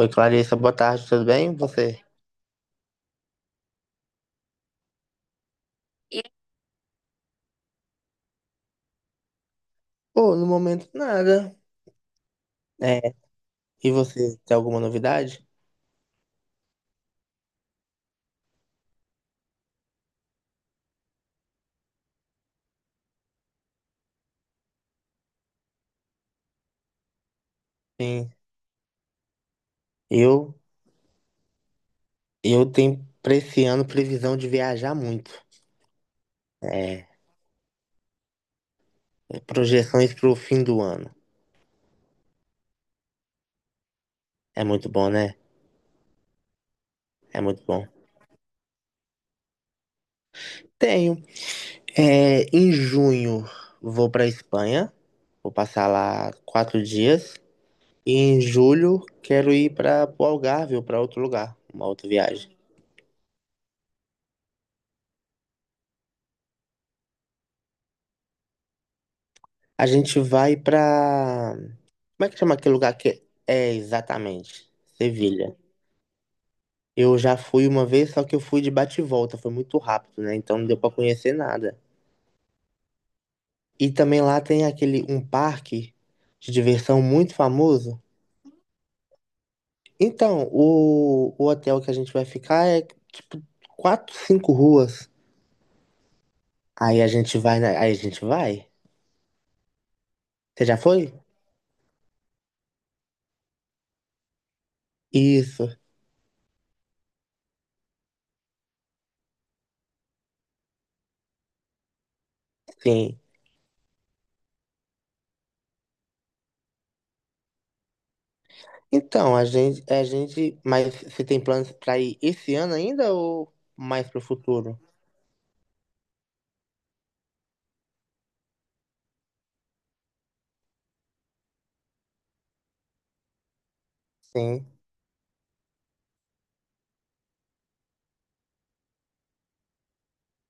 Oi, Clarissa, boa tarde, tudo bem? E você? E- Pô, no momento nada. É, e você, tem alguma novidade? Sim, eu, eu tenho pra esse ano previsão de viajar muito. É, projeções pro fim do ano. É muito bom, né? É muito bom. Tenho. É, em junho vou pra Espanha, vou passar lá 4 dias. E em julho quero ir para o Algarve ou pra outro lugar, uma outra viagem. A gente vai pra. Como é que chama aquele lugar que é? É, exatamente. Sevilha? Eu já fui uma vez, só que eu fui de bate e volta, foi muito rápido, né? Então não deu pra conhecer nada. E também lá tem aquele um parque de diversão muito famoso. Então, o hotel que a gente vai ficar é tipo quatro, cinco ruas. Aí a gente vai. Você já foi? Isso, sim. Então, mas você tem planos pra ir esse ano ainda ou mais pro futuro? Sim.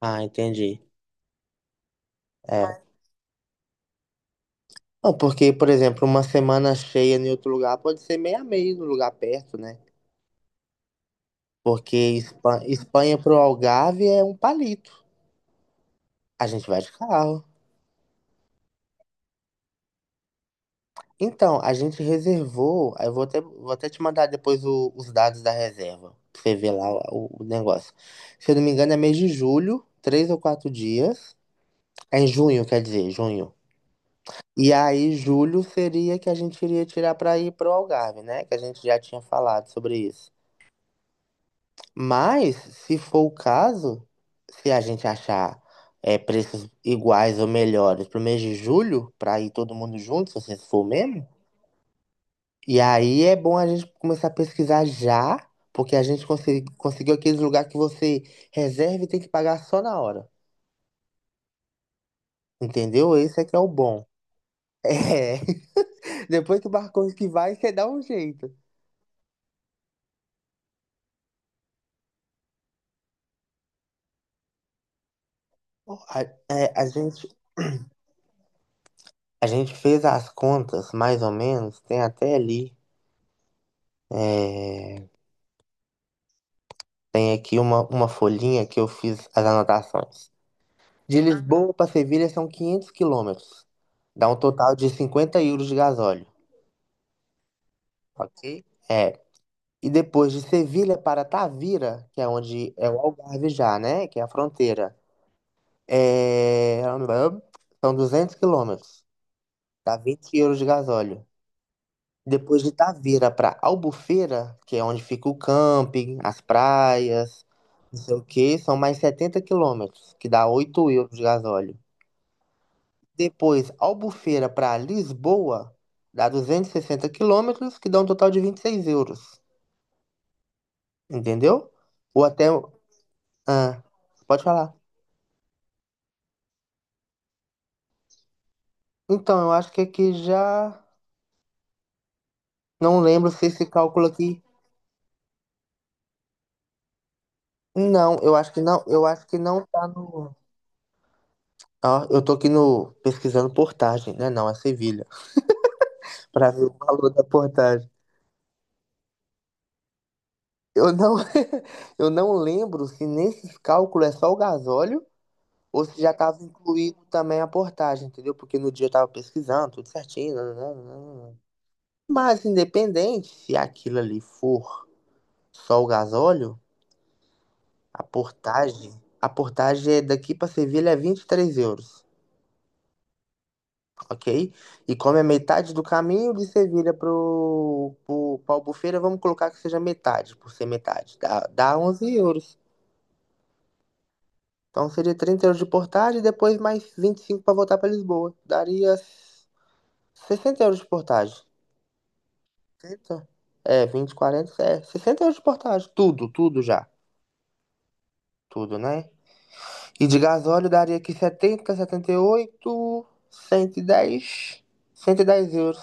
Ah, entendi. É. Não, porque, por exemplo, uma semana cheia em outro lugar pode ser meio a meio no lugar perto, né? Porque Espanha pro Algarve é um palito. A gente vai de carro. Então, a gente reservou. Aí, eu vou até te mandar depois os dados da reserva, pra você ver lá o negócio. Se eu não me engano, é mês de julho, três ou quatro dias. É em junho, quer dizer, junho. E aí, julho seria que a gente iria tirar pra ir pro Algarve, né? Que a gente já tinha falado sobre isso. Mas, se for o caso, se a gente achar preços iguais ou melhores pro mês de julho, para ir todo mundo junto, se vocês for mesmo, e aí é bom a gente começar a pesquisar já, porque a gente conseguiu aqueles lugares que você reserva e tem que pagar só na hora. Entendeu? Esse é que é o bom. É, depois que o barco que vai, você dá um jeito. A, é, a gente, a gente fez as contas, mais ou menos, tem até ali. é, Tem aqui uma folhinha que eu fiz as anotações. De Lisboa para Sevilha são 500 quilômetros. Dá um total de 50 € de gasóleo, ok? É. E depois de Sevilha para Tavira, que é onde é o Algarve já, né? Que é a fronteira. É... São 200 quilômetros. Dá 20 € de gasóleo. Depois de Itaveira para Albufeira, que é onde fica o camping, as praias, não sei o que, são mais 70 quilômetros, que dá 8 euros de gasóleo. Depois, Albufeira para Lisboa, dá 260 quilômetros, que dá um total de 26 euros. Entendeu? Ou até. Ah, pode falar. Então, eu acho que aqui já. Não lembro se esse cálculo aqui. Não, eu acho que não. Eu acho que não tá no. Ó, eu tô aqui no. Pesquisando portagem, né? Não, é Sevilha, para ver o valor da portagem. Eu não, eu não lembro se nesse cálculo é só o gasóleo ou se já estava incluído também a portagem, entendeu? Porque no dia eu estava pesquisando, tudo certinho. Nananana. Mas independente se aquilo ali for só o gasóleo, a portagem, a portagem é daqui para Sevilha é 23 euros, ok? E como é metade do caminho de Sevilha para o Albufeira, vamos colocar que seja metade, por ser metade, dá 11 euros. Então seria 30 euros de portagem e depois mais 25 para voltar para Lisboa. Daria 60 euros de portagem. 60? É, 20, 40, é, 60 € de portagem. Tudo, tudo já. Tudo, né? E de gasóleo daria aqui setenta, setenta e oito, 110 euros.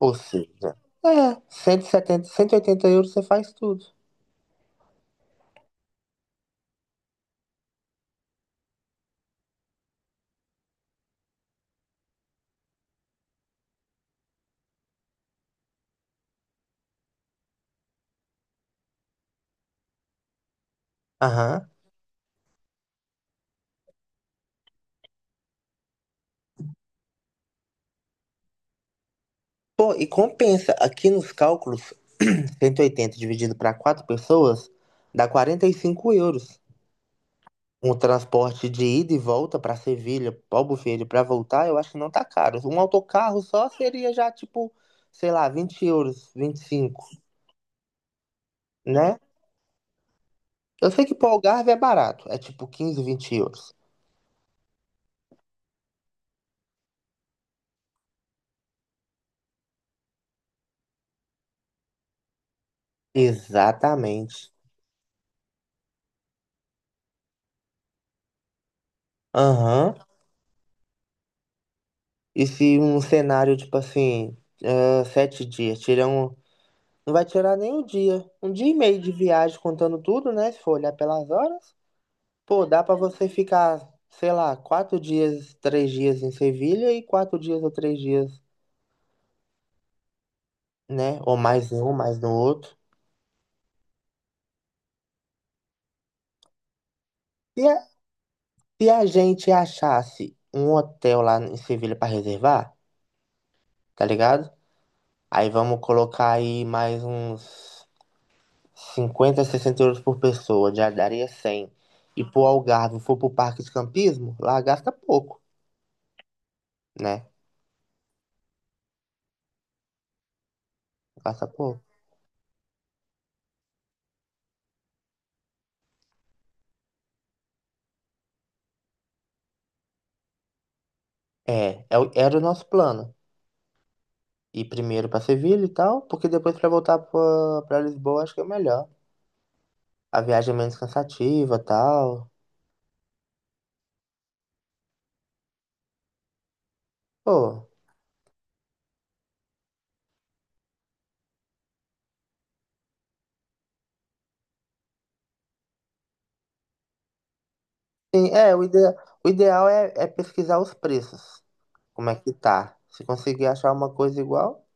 Ou seja, cento e setenta, 180 euros você faz tudo. Aham. Pô, e compensa. Aqui nos cálculos, 180 dividido para quatro pessoas dá 45 euros. Um transporte de ida e volta para Sevilha, Albufeira, para voltar, eu acho que não tá caro. Um autocarro só seria já tipo, sei lá, 20 euros, vinte e cinco, né? Eu sei que pro Algarve é barato, é tipo 15, 20 euros. Exatamente. Aham. E se um cenário, tipo assim, sete dias, tirar um. Não vai tirar nem um dia. Um dia e meio de viagem contando tudo, né? Se for olhar pelas horas. Pô, dá pra você ficar, sei lá, quatro dias, três dias em Sevilha e quatro dias ou três dias, né? Ou mais em um, mais no outro. Se a, se a gente achasse um hotel lá em Sevilha pra reservar, tá ligado? Aí vamos colocar aí mais uns 50 60 euros por pessoa, já daria 100. E pro Algarve, for pro parque de campismo, lá gasta pouco, né? Gasta pouco. É, era o nosso plano. Ir primeiro para Sevilha e tal, porque depois para voltar para Lisboa acho que é melhor. A viagem é menos cansativa e tal. Pô, sim, o ideal é pesquisar os preços, como é que tá. Se conseguir achar uma coisa igual.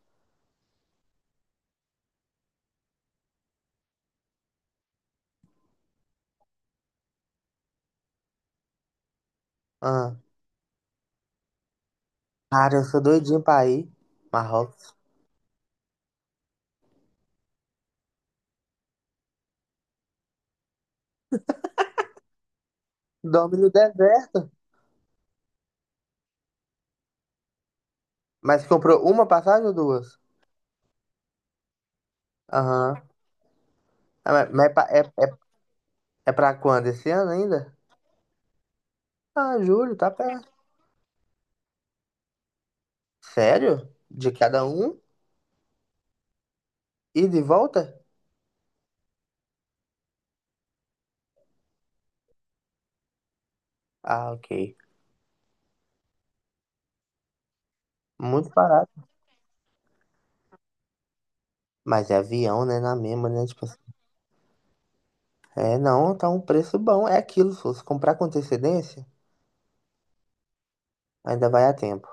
Ah, cara, eu sou doidinho pra ir. Marrocos. Dorme no deserto. Mas comprou uma passagem ou duas? Aham. Ah, mas é, é pra quando? Esse ano ainda? Ah, julho, tá perto. Sério? De cada um? E de volta? Ah, ok. Muito barato. Mas é avião, né? Na mesma, né? Tipo assim. É, não, tá um preço bom. É aquilo. Se você comprar com antecedência, ainda vai a tempo.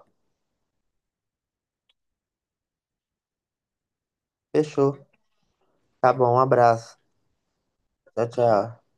Fechou. Tá bom, um abraço. Tchau, tchau.